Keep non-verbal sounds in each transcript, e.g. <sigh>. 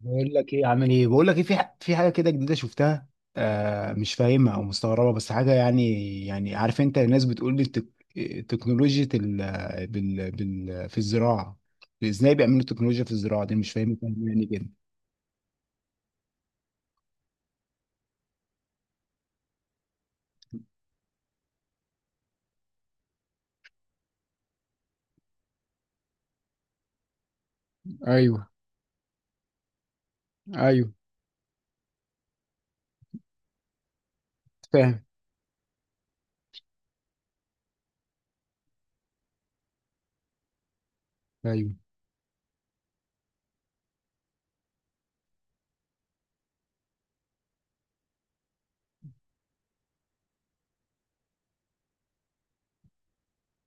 بقول لك ايه عامل ايه بقول لك ايه في في حاجه كده جديده شفتها. آه، مش فاهمها او مستغربه، بس حاجه يعني. يعني عارف انت، الناس بتقول لي تكنولوجيا في الزراعه. ازاي بيعملوا تكنولوجيا في الزراعه دي؟ مش فاهم، يعني كده. ايوه. ايوه. فاهم. ايوه.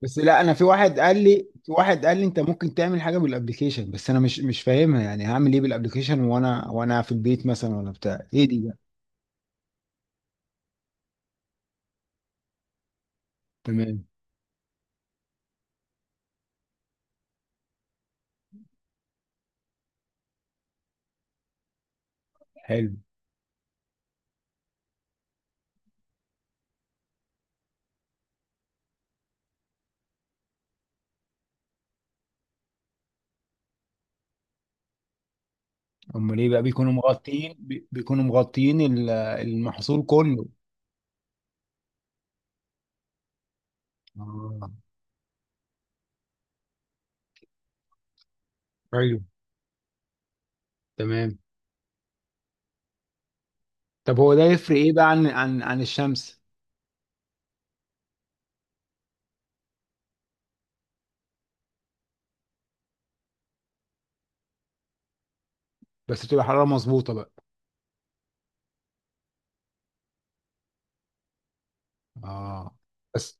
بس لا، انا في واحد قال لي، انت ممكن تعمل حاجه بالابلكيشن، بس انا مش فاهمها يعني هعمل ايه بالابلكيشن وانا في البيت مثلا، ولا بتاع ايه دي بقى؟ تمام. حلو. امال ايه بقى؟ بيكونوا مغطيين بيكونوا مغطيين المحصول كله. اه. ايوه. تمام. طب هو ده يفرق ايه بقى عن الشمس؟ بس بتبقى حرارة مظبوطة بقى. اه. بس.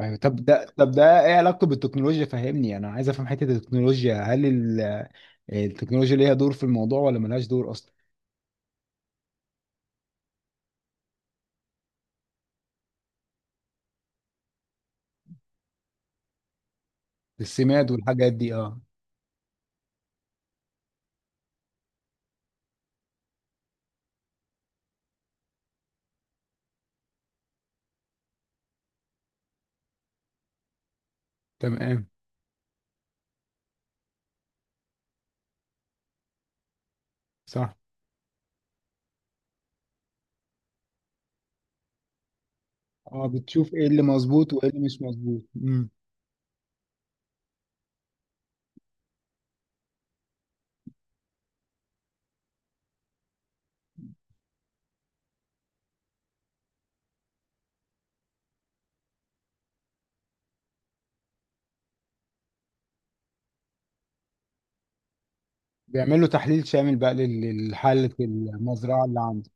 ايوه، طب ده ايه علاقته بالتكنولوجيا؟ فهمني، انا عايز افهم حتة التكنولوجيا. التكنولوجيا ليها دور في الموضوع ولا ملهاش دور اصلا؟ السماد والحاجات دي، اه. تمام. صح. اه، بتشوف ايه اللي مظبوط وايه اللي مش مظبوط. بيعملوا تحليل شامل بقى لحالة المزرعة اللي عنده.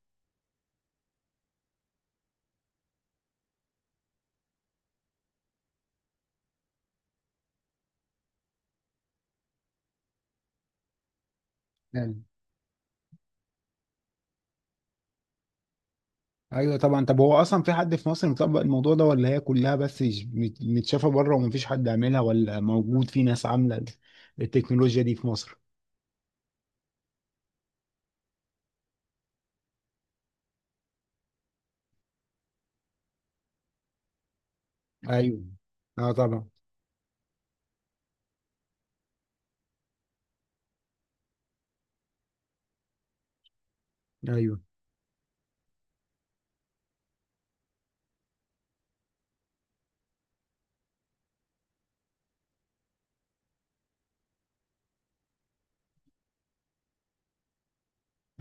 يعني. ايوه طبعا. طب هو اصلا في حد في مصر مطبق الموضوع ده، ولا هي كلها بس متشافة بره ومفيش حد عاملها، ولا موجود في ناس عاملة التكنولوجيا دي في مصر؟ ايوه. اه طبعا. ايوه.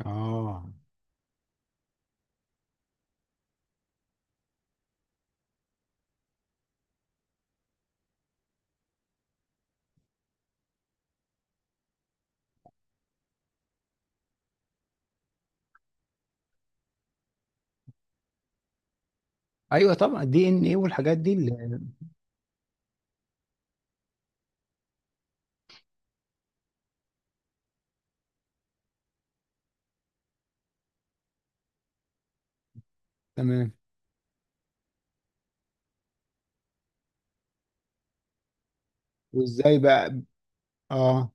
اه. ايوه طبعا، دي ان ايه والحاجات دي اللي... تمام. وازاي بقى؟ اه.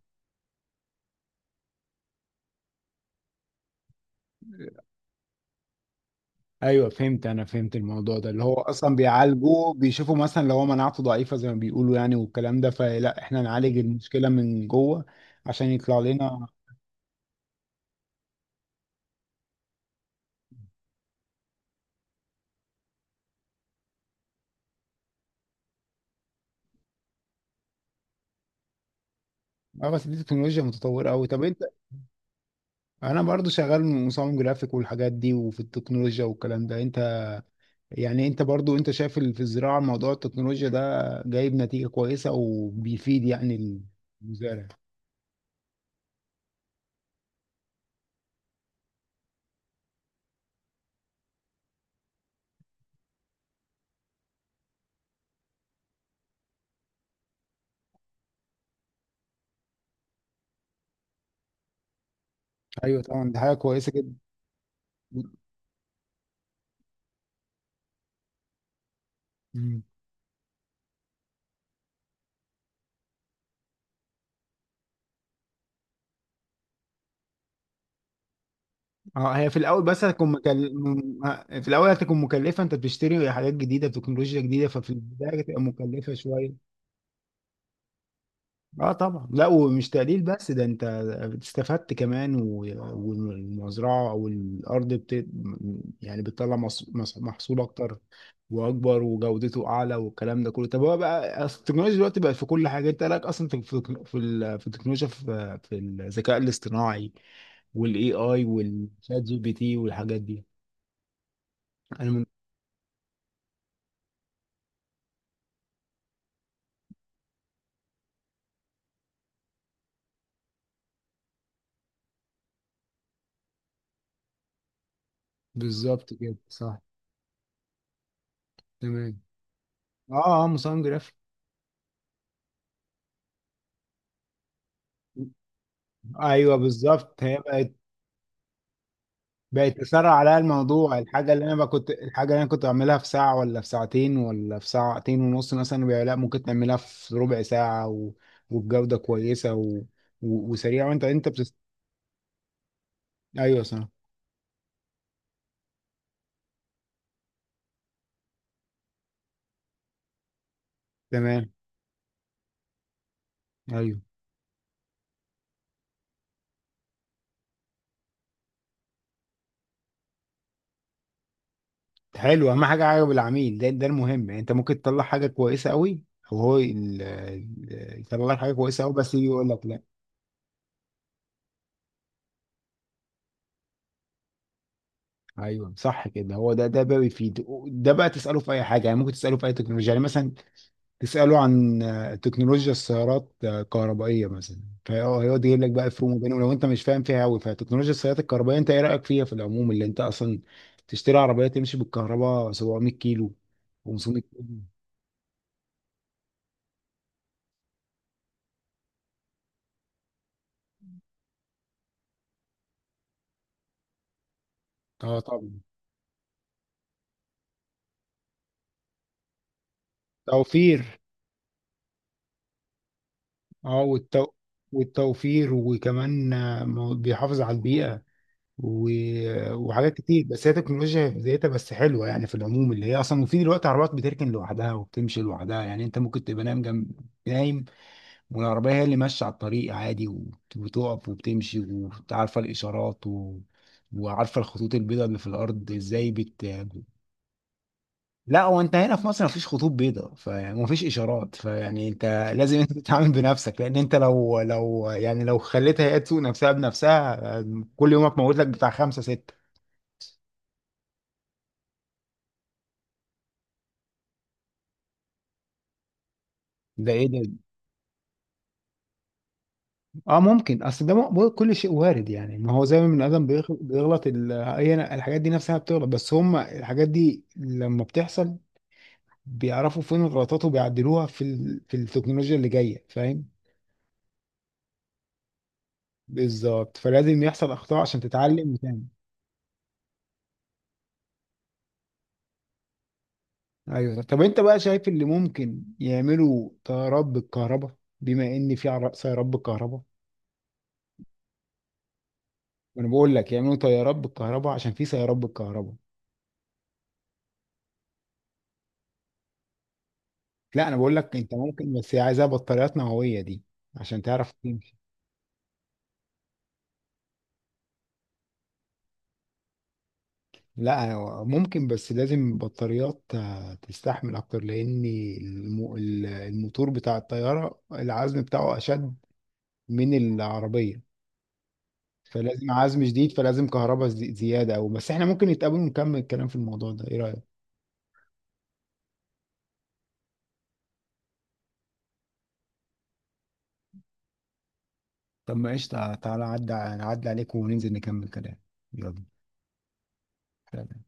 ايوه فهمت، انا فهمت الموضوع ده، اللي هو اصلا بيعالجوه بيشوفوا مثلا لو هو مناعته ضعيفه زي ما بيقولوا يعني، والكلام ده، فلا احنا نعالج المشكله من جوه عشان يطلع لنا. اه بس دي تكنولوجيا متطوره قوي. طب انت؟ انا برضو شغال مصمم جرافيك والحاجات دي، وفي التكنولوجيا والكلام ده. انت يعني، انت برضو، انت شايف في الزراعه موضوع التكنولوجيا ده جايب نتيجه كويسه وبيفيد يعني؟ المزارع. ايوه طبعا، دي حاجه كويسه جدا. اه، هي في الاول بس هتكون مكل... م- آه، في الاول هتكون مكلفه. انت بتشتري حاجات جديده، تكنولوجيا جديده، ففي البدايه هتبقى مكلفه شويه. اه طبعا. لا ومش تقليل بس، ده انت استفدت كمان، و... والمزرعه او الارض بت... يعني بتطلع محصول اكتر واكبر وجودته اعلى والكلام ده كله. طب هو بقى أصل التكنولوجيا دلوقتي بقت في كل حاجه. انت لك اصلا في التكنولوجيا، في الذكاء الاصطناعي والاي اي والشات جي بي تي والحاجات دي. انا من. بالظبط كده، صح. تمام. اه. اه مصمم جرافيك. ايوه بالظبط، هي بقت تسرع عليا الموضوع. الحاجه اللي انا كنت بعملها في ساعه، ولا في ساعتين، ولا في ساعتين ونص مثلا، بقى لا ممكن تعملها في ربع ساعه، و... وبجوده كويسه، و... و... وسريعه. وانت بتست... ايوه صح. تمام. ايوه. حلو، اهم حاجه عجب العميل، ده ده المهم يعني. انت ممكن تطلع حاجه كويسه قوي، وهو يطلع لك حاجه كويسه قوي بس يجي يقول لك لا. ايوه صح كده، هو ده بقى بيفيد. ده بقى تساله في اي حاجه يعني، ممكن تساله في اي تكنولوجيا يعني. مثلا تساله عن تكنولوجيا السيارات الكهربائيه مثلا، فهو هيقعد يجيب لك بقى فروم بينهم لو انت مش فاهم فيها قوي. فتكنولوجيا السيارات الكهربائيه، انت ايه رايك فيها في العموم، اللي انت اصلا تشتري عربيه تمشي بالكهرباء 700 كيلو، 500 كيلو؟ اه طبعا، توفير. اه والتو... والتوفير، وكمان بيحافظ على البيئه، و... وحاجات كتير. بس هي تكنولوجيا في ذاتها بس حلوه يعني. في العموم، اللي هي اصلا، وفي دلوقتي عربيات بتركن لوحدها وبتمشي لوحدها، يعني انت ممكن تبقى نايم جنب. نايم، والعربيه هي اللي ماشيه على الطريق عادي، وبتقف وبتمشي، وعارفه الاشارات، و... وعارفه الخطوط البيضاء اللي في الارض ازاي بت. لا، هو انت هنا في مصر مفيش خطوط بيضاء، فيعني مفيش اشارات، فيعني انت لازم <laughs> انت تتعامل بنفسك، لان انت لو يعني لو خليتها هي تسوق نفسها بنفسها، كل يوم هتموت لك بتاع خمسه سته. ده ايه ده؟ اه ممكن، اصل ده كل شيء وارد يعني. ما هو زي ما البني ادم بيغلط، هي الحاجات دي نفسها بتغلط، بس هم الحاجات دي لما بتحصل بيعرفوا فين الغلطات وبيعدلوها في التكنولوجيا اللي جايه، فاهم. بالظبط، فلازم يحصل اخطاء عشان تتعلم تاني. ايوه. طب انت بقى شايف اللي ممكن يعملوا طيارات بالكهرباء، بما ان في سيارات بالكهرباء؟ وانا بقول لك يعملوا طيارات بالكهرباء عشان في سيارات بالكهرباء. لا انا بقول لك انت ممكن، بس هي عايزاها بطاريات نوويه دي عشان تعرف تمشي. لا ممكن، بس لازم بطاريات تستحمل اكتر، لان الموتور بتاع الطياره العزم بتاعه اشد من العربيه، فلازم عزم شديد، فلازم كهرباء زياده. او بس احنا ممكن نتقابل ونكمل الكلام في الموضوع ده، ايه رايك؟ طب ما قشطه، تعالى عدى عليك، وننزل نكمل كلام. يلا. سلام.